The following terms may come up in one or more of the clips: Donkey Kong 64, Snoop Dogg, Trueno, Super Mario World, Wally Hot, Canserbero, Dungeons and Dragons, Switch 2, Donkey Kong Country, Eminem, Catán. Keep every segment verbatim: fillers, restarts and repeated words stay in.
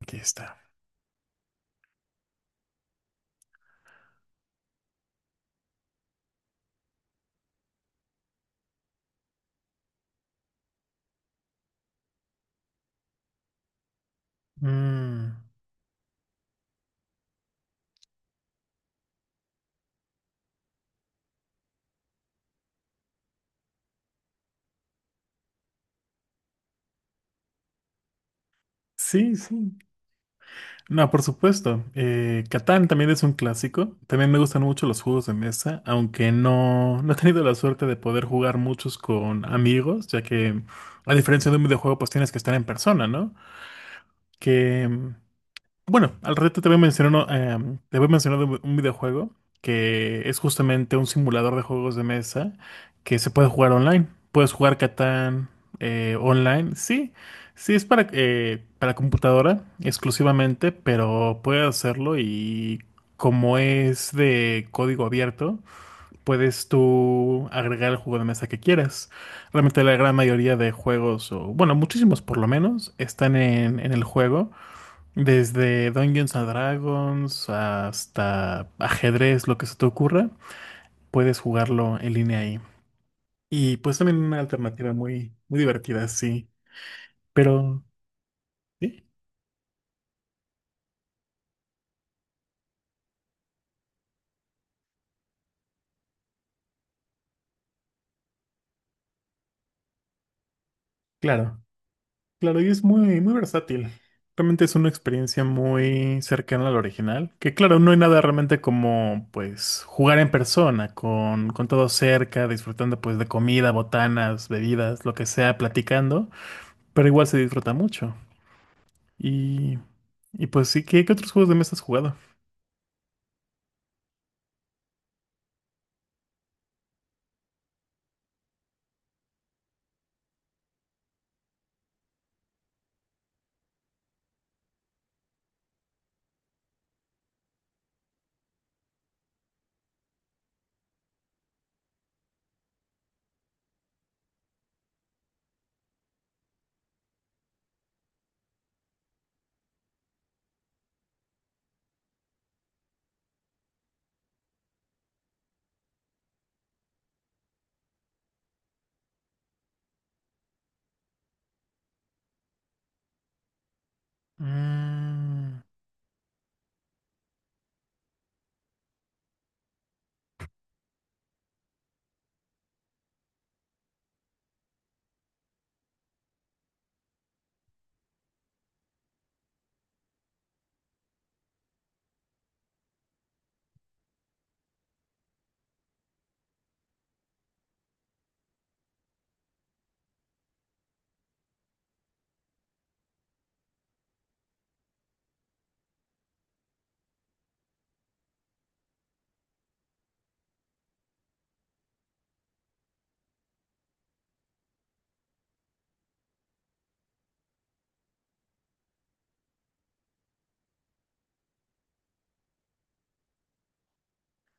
Aquí está. Mm, sí, sí. No, por supuesto. Eh, Catán también es un clásico. También me gustan mucho los juegos de mesa, aunque no, no he tenido la suerte de poder jugar muchos con amigos, ya que a diferencia de un videojuego, pues tienes que estar en persona, ¿no? Que mm, Bueno, al rato te voy a mencionar, uno, eh, te voy a mencionar de un videojuego que es justamente un simulador de juegos de mesa que se puede jugar online. Puedes jugar Catán eh, online. Sí, sí es para, eh, para computadora exclusivamente, pero puedes hacerlo y como es de código abierto, puedes tú agregar el juego de mesa que quieras. Realmente la gran mayoría de juegos, o bueno, muchísimos por lo menos, están en en el juego. Desde Dungeons and Dragons hasta ajedrez, lo que se te ocurra, puedes jugarlo en línea ahí. Y pues también una alternativa muy, muy divertida, sí. Pero sí, claro, claro, y es muy, muy versátil. Realmente es una experiencia muy cercana al original, que claro, no hay nada realmente como pues jugar en persona, con, con todo cerca, disfrutando pues de comida, botanas, bebidas, lo que sea, platicando, pero igual se disfruta mucho. Y, y pues sí, ¿qué, qué otros juegos de mesa has jugado? Mm,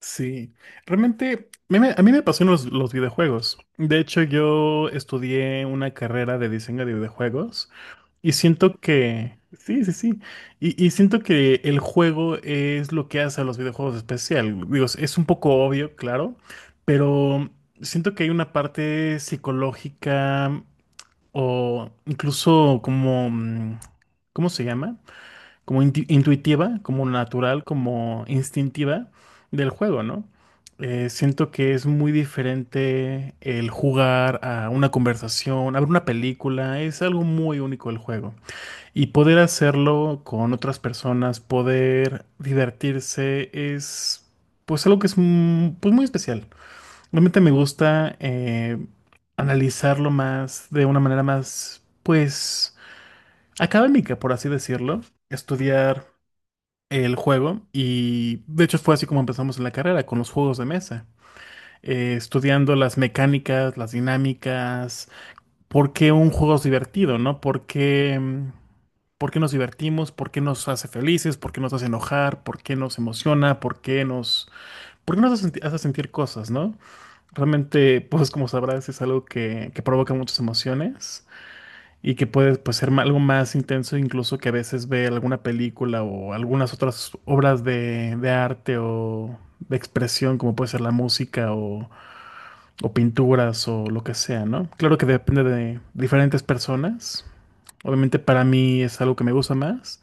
sí, realmente a mí, me a mí me pasó los, los videojuegos. De hecho, yo estudié una carrera de diseño de videojuegos y siento que, sí, sí, sí, y, y siento que el juego es lo que hace a los videojuegos especial. Digo, es un poco obvio, claro, pero siento que hay una parte psicológica o incluso como, mm, ¿cómo se llama? Como inti- intuitiva, como natural, como instintiva del juego, ¿no? Eh, siento que es muy diferente el jugar a una conversación, a ver una película, es algo muy único el juego. Y poder hacerlo con otras personas, poder divertirse, es pues algo que es mm, pues, muy especial. Realmente me gusta eh, analizarlo más de una manera más, pues, académica, por así decirlo. Estudiar el juego y de hecho fue así como empezamos en la carrera con los juegos de mesa, eh, estudiando las mecánicas, las dinámicas, por qué un juego es divertido, ¿no? ¿Por qué, mm, por qué nos divertimos? ¿Por qué nos hace felices? ¿Por qué nos hace enojar? ¿Por qué nos emociona? ¿Por qué nos, por qué nos hace, senti- hace sentir cosas, ¿no? Realmente, pues como sabrás, es algo que, que provoca muchas emociones y que puede pues, ser ma- algo más intenso, incluso que a veces ve alguna película o algunas otras obras de, de arte o de expresión, como puede ser la música o, o pinturas o lo que sea, ¿no? Claro que depende de diferentes personas. Obviamente para mí es algo que me gusta más,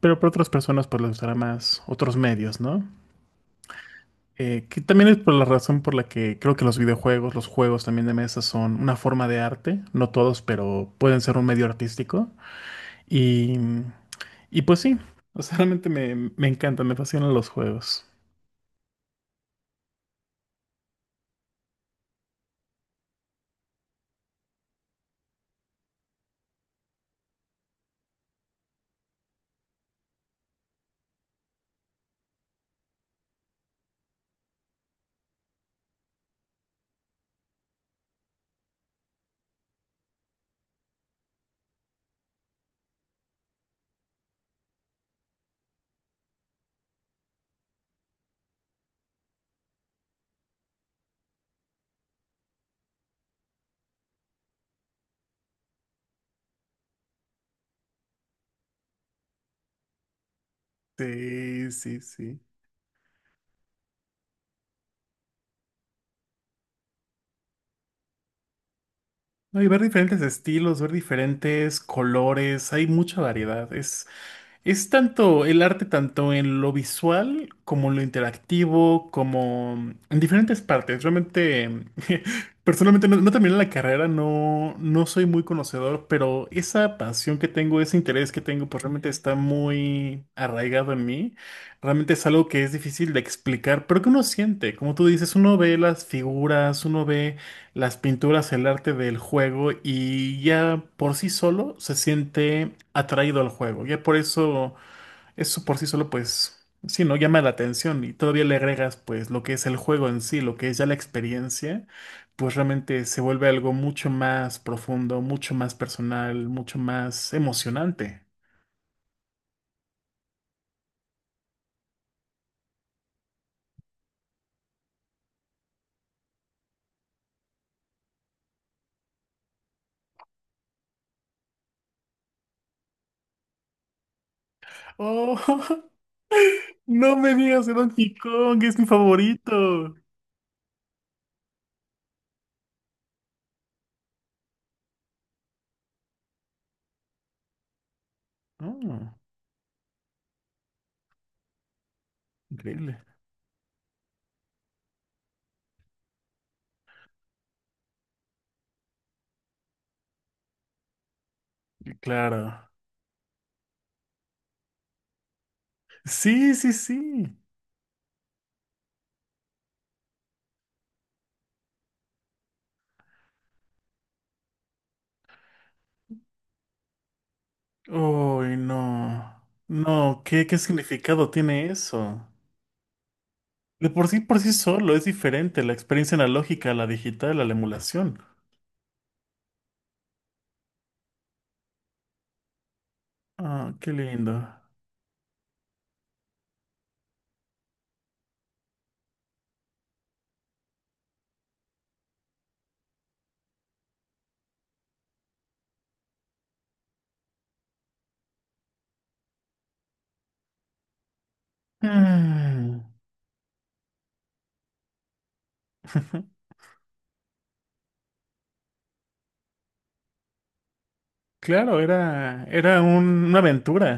pero para otras personas pues les gustará más otros medios, ¿no? Eh, que también es por la razón por la que creo que los videojuegos, los juegos también de mesa son una forma de arte, no todos, pero pueden ser un medio artístico. Y, y pues sí, o sea, realmente me, me encantan, me fascinan los juegos. Sí, sí, sí. No, y ver diferentes estilos, ver diferentes colores, hay mucha variedad. Es, Es, tanto el arte, tanto en lo visual como en lo interactivo, como en diferentes partes. Realmente, personalmente no, no terminé la carrera, no, no soy muy conocedor, pero esa pasión que tengo, ese interés que tengo, pues realmente está muy arraigado en mí. Realmente es algo que es difícil de explicar, pero que uno siente. Como tú dices, uno ve las figuras, uno ve las pinturas, el arte del juego y ya por sí solo se siente atraído al juego. Ya por eso, eso por sí solo pues, sí, ¿no? Llama la atención y todavía le agregas pues lo que es el juego en sí, lo que es ya la experiencia, pues realmente se vuelve algo mucho más profundo, mucho más personal, mucho más emocionante. Oh, no me digas de Donkey Kong, es mi favorito. Oh, increíble. Claro. Sí, sí, sí. Uy, no. No, ¿qué, qué significado tiene eso? De por sí, por sí solo, es diferente la experiencia analógica a la digital, a la emulación. Ah, qué lindo. Mm. Claro, era, era un- una aventura.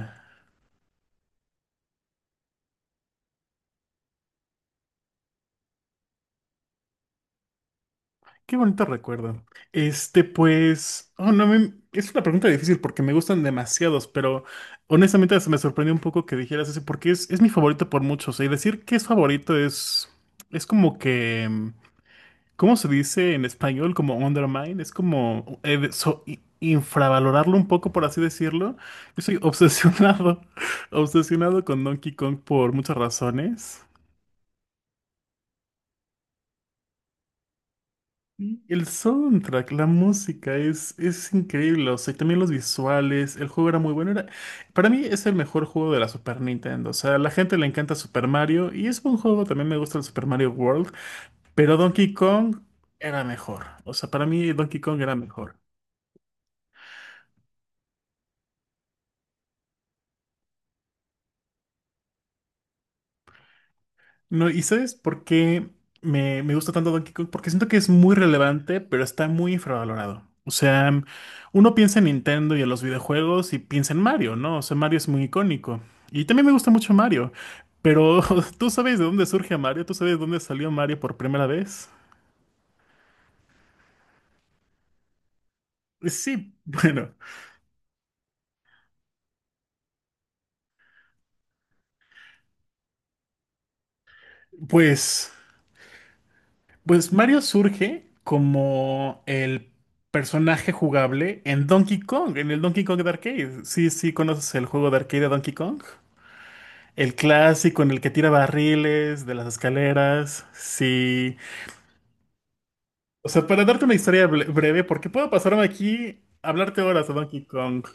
Qué bonito recuerdo. Este, pues, oh, no, me- es una pregunta difícil porque me gustan demasiados, pero honestamente se me sorprendió un poco que dijeras eso porque es, es mi favorito por muchos. Y decir que es favorito es, es como que... ¿Cómo se dice en español como undermine? Es como eh, de- so- i- infravalorarlo un poco, por así decirlo. Yo soy obsesionado, obsesionado con Donkey Kong por muchas razones. Y El soundtrack, la música es, es increíble, o sea, y también los visuales, el juego era muy bueno. Era, para mí es el mejor juego de la Super Nintendo, o sea, a la gente le encanta Super Mario y es buen juego, también me gusta el Super Mario World, pero Donkey Kong era mejor, o sea, para mí Donkey Kong era mejor. No, ¿y sabes por qué me, me gusta tanto Donkey Kong? Porque siento que es muy relevante, pero está muy infravalorado. O sea, mm, uno piensa en Nintendo y en los videojuegos y piensa en Mario, ¿no? O sea, Mario es muy icónico. Y también me gusta mucho Mario. Pero ¿tú sabes de dónde surge Mario? ¿Tú sabes de dónde salió Mario por primera vez? Sí, bueno, pues, pues Mario surge como el personaje jugable en Donkey Kong, en el Donkey Kong de arcade. Sí, sí, ¿conoces el juego de arcade de Donkey Kong? El clásico en el que tira barriles de las escaleras. Sí. O sea, para darte una historia bre- breve, porque puedo pasarme aquí a hablarte horas de Donkey Kong.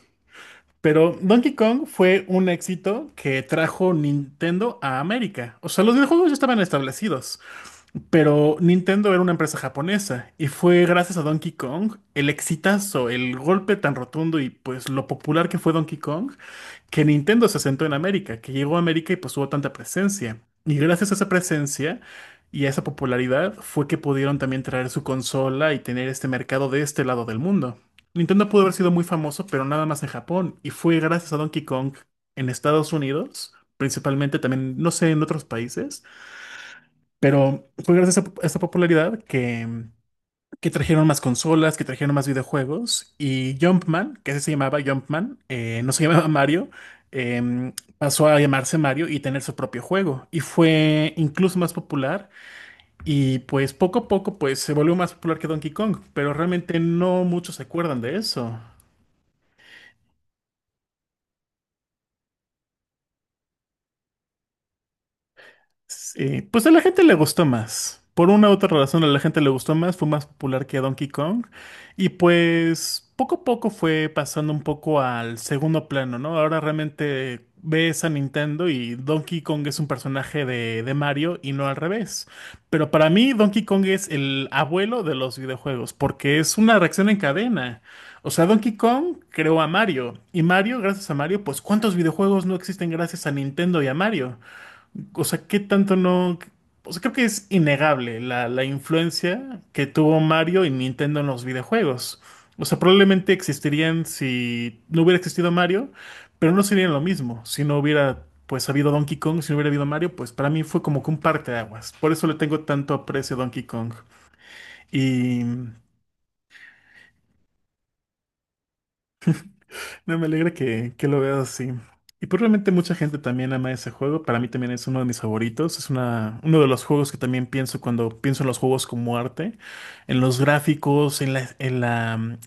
Pero Donkey Kong fue un éxito que trajo Nintendo a América. O sea, los videojuegos ya estaban establecidos, pero Nintendo era una empresa japonesa y fue gracias a Donkey Kong el exitazo, el golpe tan rotundo y pues lo popular que fue Donkey Kong que Nintendo se asentó en América, que llegó a América y pues tuvo tanta presencia. Y gracias a esa presencia y a esa popularidad fue que pudieron también traer su consola y tener este mercado de este lado del mundo. Nintendo pudo haber sido muy famoso, pero nada más en Japón, y fue gracias a Donkey Kong en Estados Unidos, principalmente también, no sé, en otros países, pero fue gracias a esa popularidad que que trajeron más consolas, que trajeron más videojuegos y Jumpman, que ese se llamaba Jumpman, eh, no se llamaba Mario, em, pasó a llamarse Mario y tener su propio juego y fue incluso más popular y pues poco a poco pues se volvió más popular que Donkey Kong, pero realmente no muchos se acuerdan de eso. Sí, pues a la gente le gustó más. Por una u otra razón a la gente le gustó más, fue más popular que Donkey Kong. Y pues poco a poco fue pasando un poco al segundo plano, ¿no? Ahora realmente ves a Nintendo y Donkey Kong es un personaje de, de Mario y no al revés. Pero para mí Donkey Kong es el abuelo de los videojuegos, porque es una reacción en cadena. O sea, Donkey Kong creó a Mario y Mario, gracias a Mario, pues ¿cuántos videojuegos no existen gracias a Nintendo y a Mario? O sea, qué tanto no. O sea, creo que es innegable la, la influencia que tuvo Mario y Nintendo en los videojuegos. O sea, probablemente existirían si no hubiera existido Mario, pero no serían lo mismo. Si no hubiera, pues, habido Donkey Kong, si no hubiera habido Mario, pues para mí fue como que un parteaguas. Por eso le tengo tanto aprecio a Donkey Kong. Y. No, me alegra que, que lo veas así. Y probablemente mucha gente también ama ese juego. Para mí también es uno de mis favoritos. Es una, uno de los juegos que también pienso cuando pienso en los juegos como arte, en los gráficos, en la, en la mm,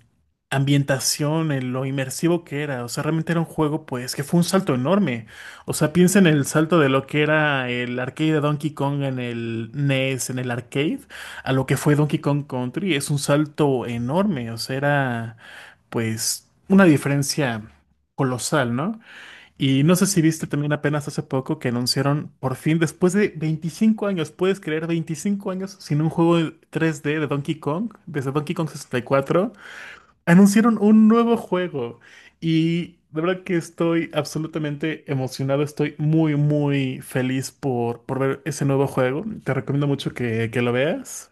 ambientación, en lo inmersivo que era. O sea, realmente era un juego pues que fue un salto enorme. O sea, piensa en el salto de lo que era el arcade de Donkey Kong en el N E S, en el arcade, a lo que fue Donkey Kong Country. Es un salto enorme. O sea, era pues una diferencia colosal, ¿no? Y no sé si viste también apenas hace poco que anunciaron por fin, después de veinticinco años, ¿puedes creer veinticinco años sin un juego de tres D de Donkey Kong? Desde Donkey Kong sesenta y cuatro, anunciaron un nuevo juego y de verdad que estoy absolutamente emocionado, estoy muy, muy feliz por, por ver ese nuevo juego. Te recomiendo mucho que, que lo veas.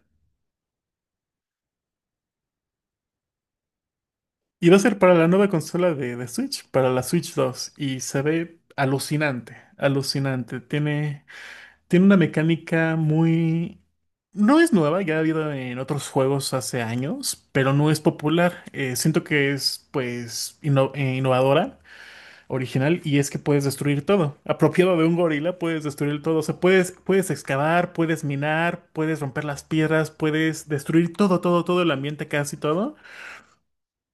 Y va a ser para la nueva consola de, de Switch, para la Switch dos. Y se ve alucinante, alucinante. Tiene, tiene una mecánica muy... No es nueva, ya ha habido en otros juegos hace años, pero no es popular. Eh, siento que es, pues, inno- eh, innovadora, original, y es que puedes destruir todo. Apropiado de un gorila, puedes destruir todo. O sea, puedes, puedes excavar, puedes minar, puedes romper las piedras, puedes destruir todo, todo, todo el ambiente, casi todo.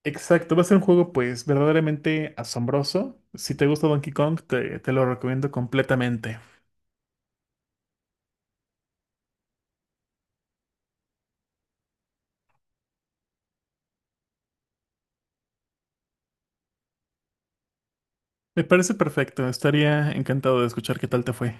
Exacto, va a ser un juego pues verdaderamente asombroso. Si te gusta Donkey Kong, te, te lo recomiendo completamente. Me parece perfecto, estaría encantado de escuchar qué tal te fue.